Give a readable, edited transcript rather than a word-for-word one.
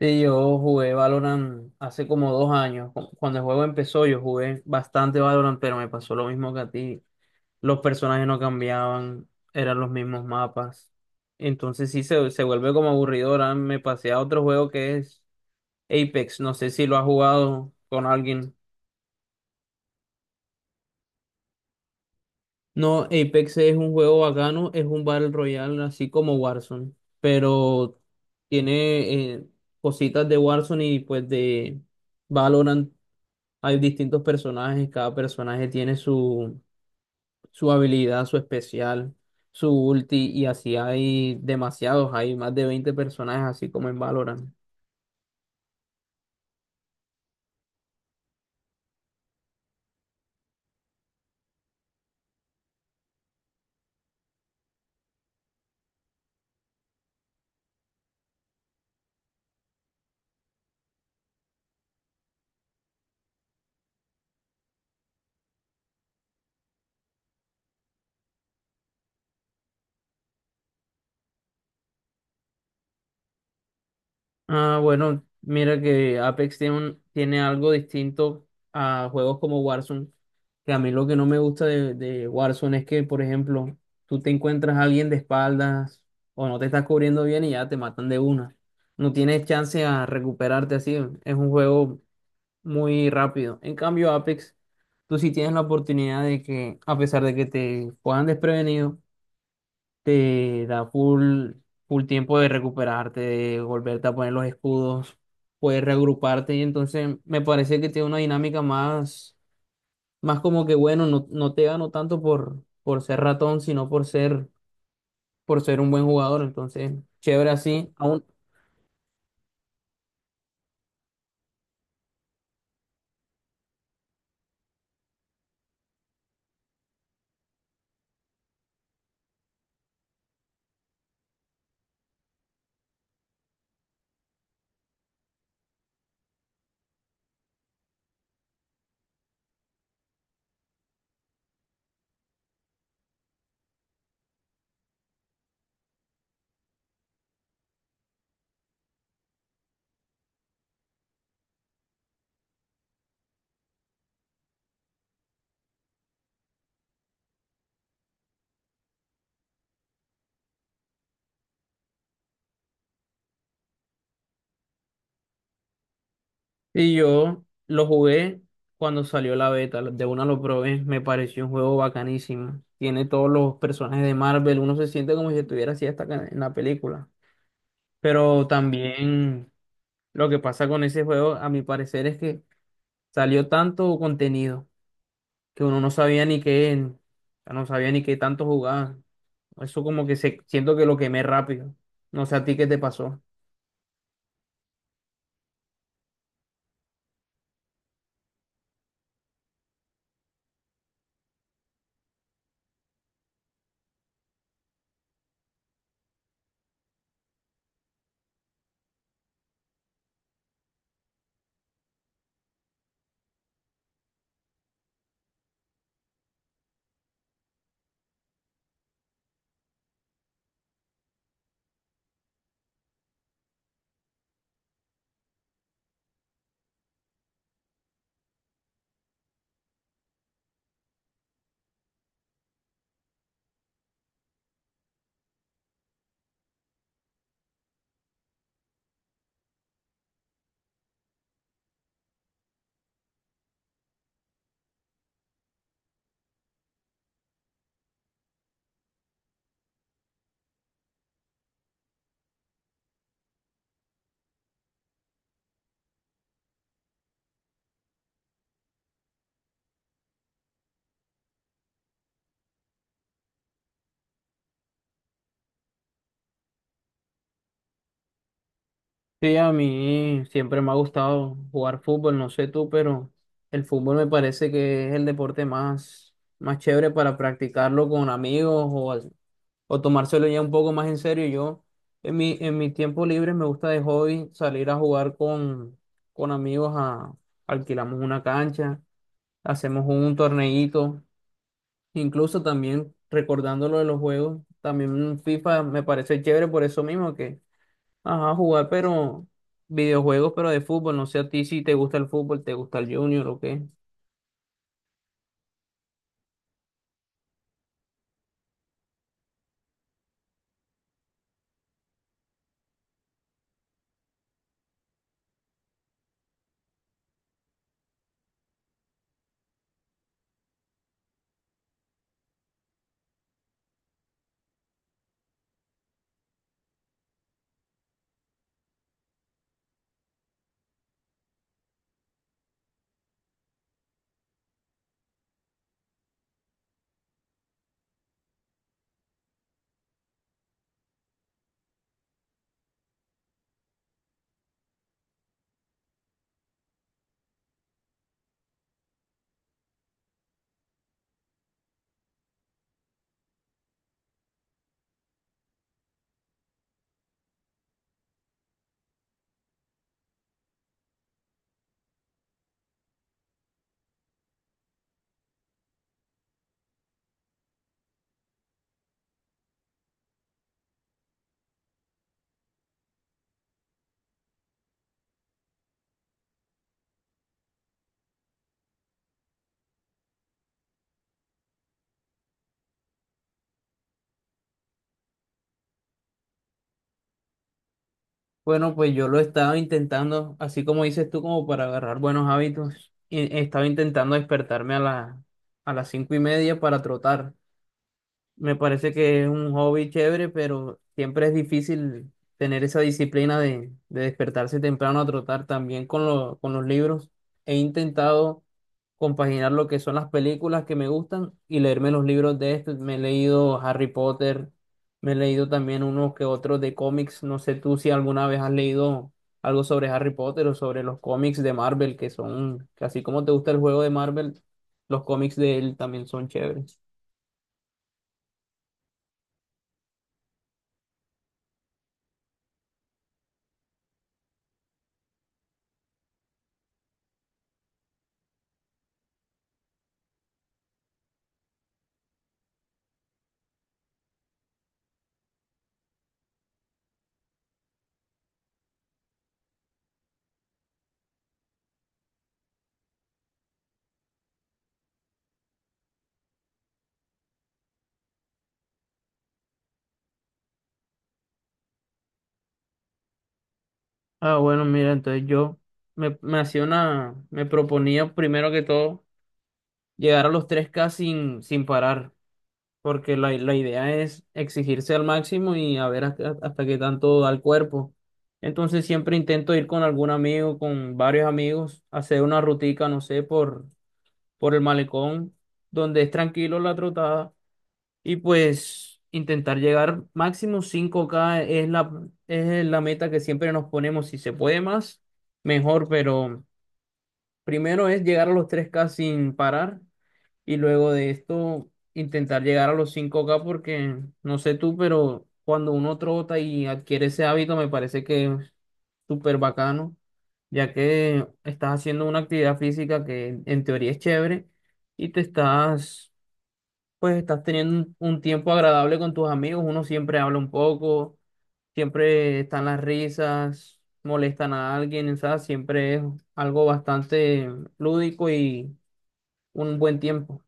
Sí, yo jugué Valorant hace como 2 años. Cuando el juego empezó, yo jugué bastante Valorant, pero me pasó lo mismo que a ti. Los personajes no cambiaban, eran los mismos mapas. Entonces sí se vuelve como aburrido. Ahora me pasé a otro juego que es Apex. No sé si lo has jugado con alguien. No, Apex es un juego bacano, es un Battle Royale, así como Warzone, pero tiene cositas de Warzone y pues de Valorant. Hay distintos personajes, cada personaje tiene su, su habilidad, su especial, su ulti, y así hay demasiados, hay más de 20 personajes, así como en Valorant. Ah, bueno, mira que Apex tiene, tiene algo distinto a juegos como Warzone, que a mí lo que no me gusta de Warzone es que, por ejemplo, tú te encuentras a alguien de espaldas o no te estás cubriendo bien y ya te matan de una. No tienes chance a recuperarte así. Es un juego muy rápido. En cambio, Apex, tú sí tienes la oportunidad de que, a pesar de que te puedan desprevenido, te da full, full tiempo de recuperarte, de volverte a poner los escudos, puedes reagruparte y entonces me parece que tiene una dinámica más, más como que bueno, no te gano tanto por ser ratón, sino por ser, un buen jugador. Entonces, chévere así, aún. Y yo lo jugué cuando salió la beta, de una lo probé, me pareció un juego bacanísimo. Tiene todos los personajes de Marvel, uno se siente como si estuviera así hasta acá en la película. Pero también lo que pasa con ese juego, a mi parecer, es que salió tanto contenido que uno no sabía ni qué, no sabía ni qué tanto jugaba. Eso siento que lo quemé rápido. No sé a ti qué te pasó. Sí, a mí siempre me ha gustado jugar fútbol, no sé tú, pero el fútbol me parece que es el deporte más, más chévere para practicarlo con amigos, o tomárselo ya un poco más en serio. Yo en mi tiempo libre me gusta de hobby salir a jugar con amigos, a, alquilamos una cancha, hacemos un torneíto, incluso también recordando lo de los juegos, también FIFA me parece chévere por eso mismo que, ajá, jugar, pero videojuegos, pero de fútbol. No sé a ti si te gusta el fútbol, te gusta el Junior o qué. Bueno, pues yo lo estaba intentando, así como dices tú, como para agarrar buenos hábitos. Y estaba intentando despertarme a las 5:30 para trotar. Me parece que es un hobby chévere, pero siempre es difícil tener esa disciplina de despertarse temprano a trotar también con los libros. He intentado compaginar lo que son las películas que me gustan y leerme los libros de estos. Me he leído Harry Potter, me he leído también unos que otros de cómics. No sé tú si alguna vez has leído algo sobre Harry Potter o sobre los cómics de Marvel, que son, que así como te gusta el juego de Marvel, los cómics de él también son chéveres. Ah, bueno, mira, entonces yo me hacía una, me proponía primero que todo llegar a los 3K sin parar, porque la idea es exigirse al máximo y a ver hasta qué tanto da el cuerpo. Entonces siempre intento ir con algún amigo, con varios amigos, hacer una rutica, no sé, por el malecón, donde es tranquilo la trotada y pues intentar llegar máximo 5K es la meta que siempre nos ponemos. Si se puede más, mejor, pero primero es llegar a los 3K sin parar y luego de esto intentar llegar a los 5K porque no sé tú, pero cuando uno trota y adquiere ese hábito me parece que es súper bacano, ya que estás haciendo una actividad física que en teoría es chévere y te estás pues estás teniendo un tiempo agradable con tus amigos, uno siempre habla un poco, siempre están las risas, molestan a alguien, o sea, siempre es algo bastante lúdico y un buen tiempo.